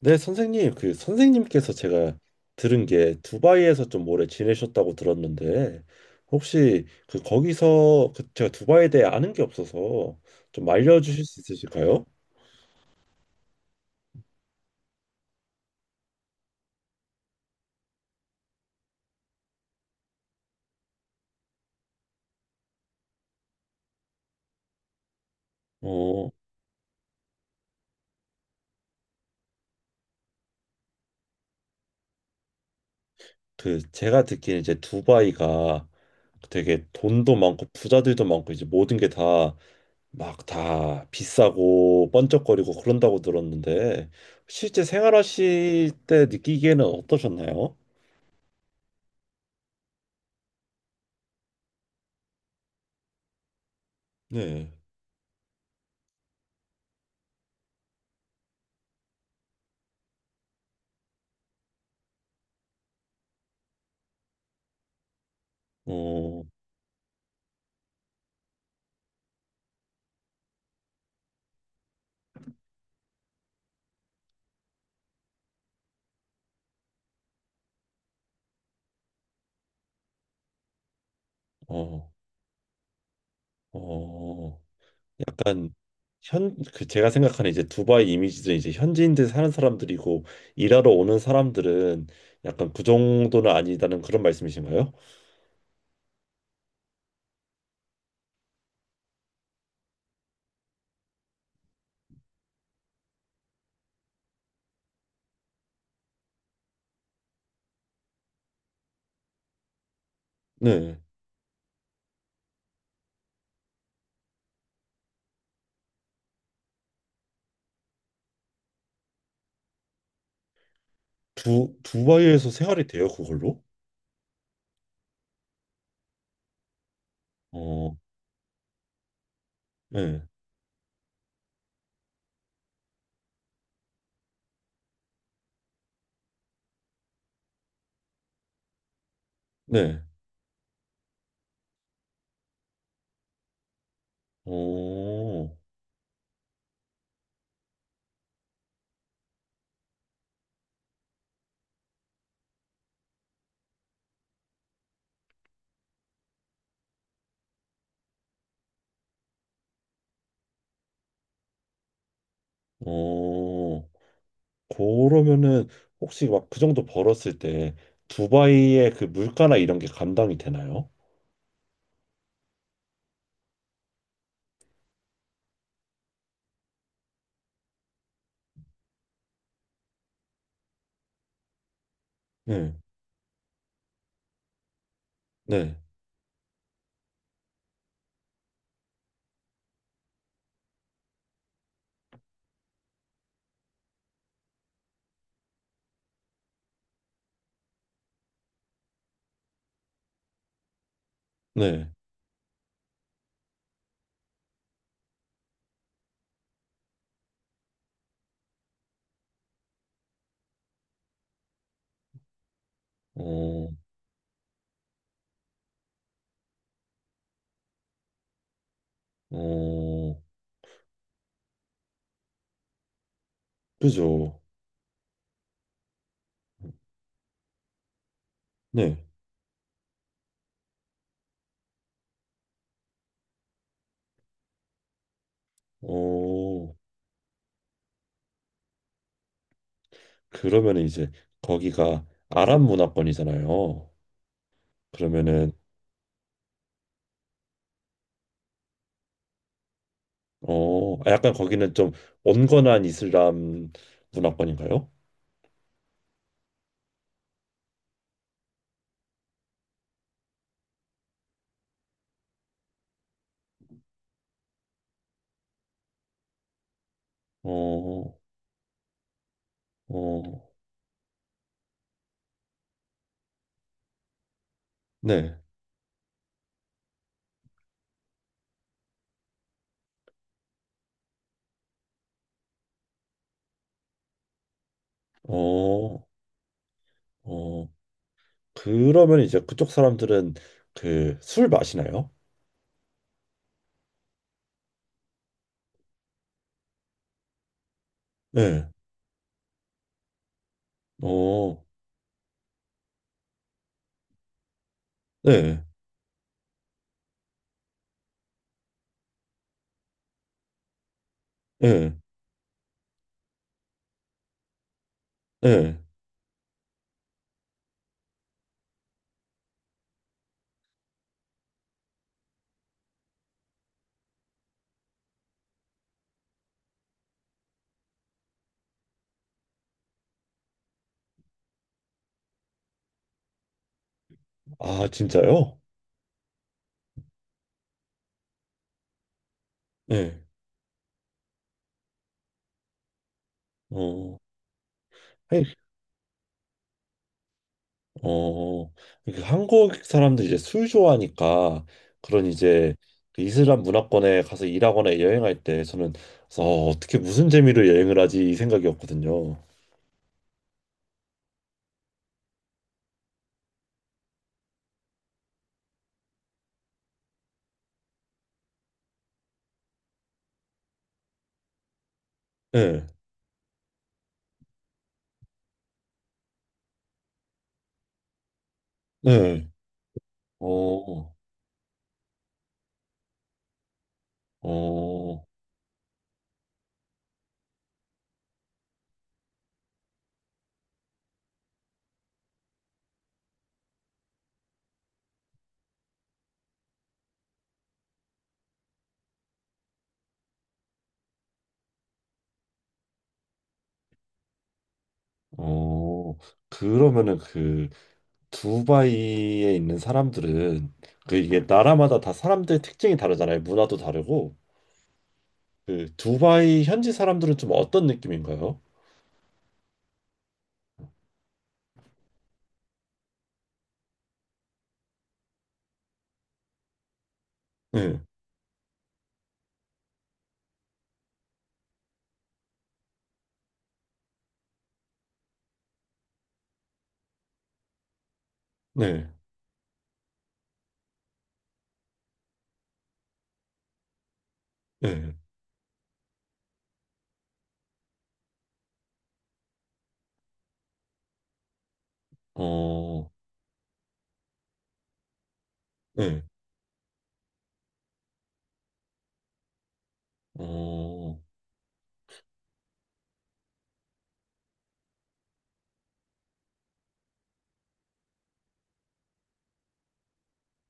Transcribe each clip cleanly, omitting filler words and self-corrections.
네, 선생님. 그 선생님께서 제가 들은 게 두바이에서 좀 오래 지내셨다고 들었는데 혹시 그 거기서 그 제가 두바이에 대해 아는 게 없어서 좀 알려주실 수 있으실까요? 어, 그 제가 듣기에 이제 두바이가 되게 돈도 많고 부자들도 많고 이제 모든 게 다 막 다 비싸고 번쩍거리고 그런다고 들었는데 실제 생활하실 때 느끼기에는 어떠셨나요? 네. 어, 어. 어, 약간 그 제가 생각하는 이제 두바이 이미지는 이제 현지인들 사는 사람들이고 일하러 오는 사람들은 약간 그 정도는 아니다는 그런 말씀이신가요? 네. 두바이에서 생활이 돼요, 그걸로? 어, 네. 네. 어, 어, 그러면은 혹시 막 그 정도 벌었을 때 두바이의 그 물가나 이런 게 감당이 되나요? 네. 네. 네. 어, 어, 그죠. 네. 어, 그러면 이제 거기가 아랍 문화권이잖아요. 그러면은 어, 아, 약간 거기는 좀 온건한 이슬람 문화권인가요? 어, 어, 네. 어, 어, 그러면 이제 그쪽 사람들은 그 술 마시나요? 네. 어, 네. 네. 네. 아, 진짜요? 네. 어. 어, 이렇게 한국 사람들이 이제 술 좋아하니까 그런 이제 그 이슬람 문화권에 가서 일하거나 여행할 때 저는 그래서 어, 어떻게 무슨 재미로 여행을 하지 이 생각이었거든요. 네, 네. 어, 어, 어. 그러면은 그 두바이에 있는 사람들은 그 이게 나라마다 다 사람들 특징이 다르잖아요. 문화도 다르고 그 두바이 현지 사람들은 좀 어떤 느낌인가요? 네, 네, 네. 어, 네. 어,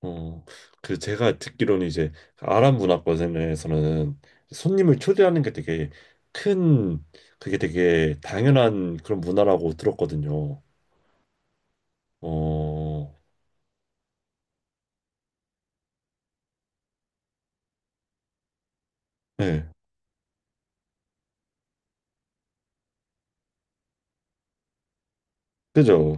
어, 그 제가 듣기로는 이제 아랍 문화권에서는 손님을 초대하는 게 되게 큰, 그게 되게 당연한 그런 문화라고 들었거든요. 어, 네. 그죠?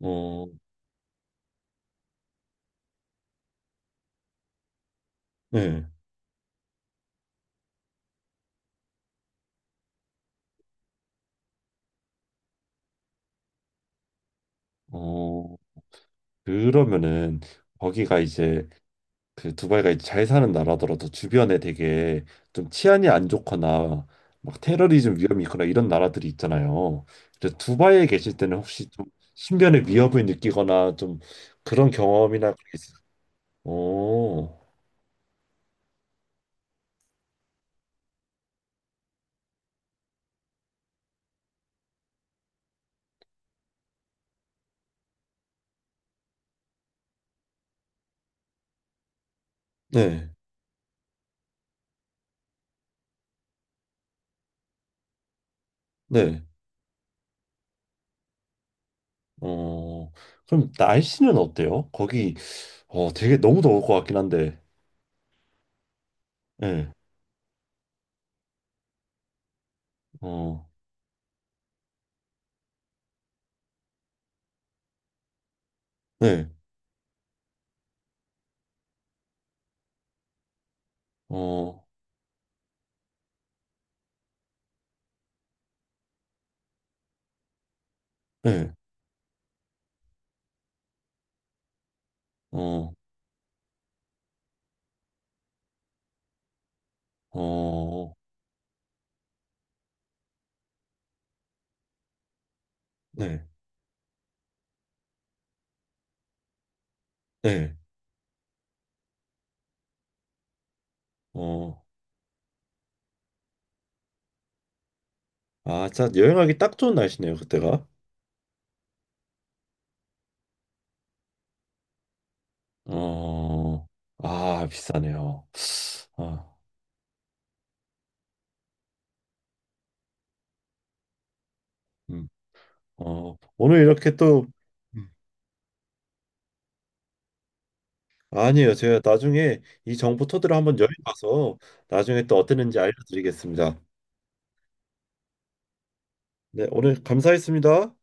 어, 네. 어, 그러면은 거기가 이제 그 두바이가 이제 잘 사는 나라더라도 주변에 되게 좀 치안이 안 좋거나 막 테러리즘 위험이 있거나 이런 나라들이 있잖아요. 그래서 두바이에 계실 때는 혹시 좀 신변의 위협을 느끼거나 좀 그런 경험이나 그런 게 있어요? 오, 네, 네. 어, 그럼 날씨는 어때요? 거기 되게 너무 더울 것 같긴 한데, 네, 어, 네, 어, 네, 어, 어, 네, 네, 어. 아, 진짜 여행하기 딱 좋은 날씨네요, 그때가. 어, 아, 비싸네요. 아, 음, 어, 오늘 이렇게 또, 음. 아니에요. 제가 나중에 이 정보 토대로 한번 여행 가서 나중에 또 어땠는지 알려드리겠습니다. 네, 오늘 감사했습니다.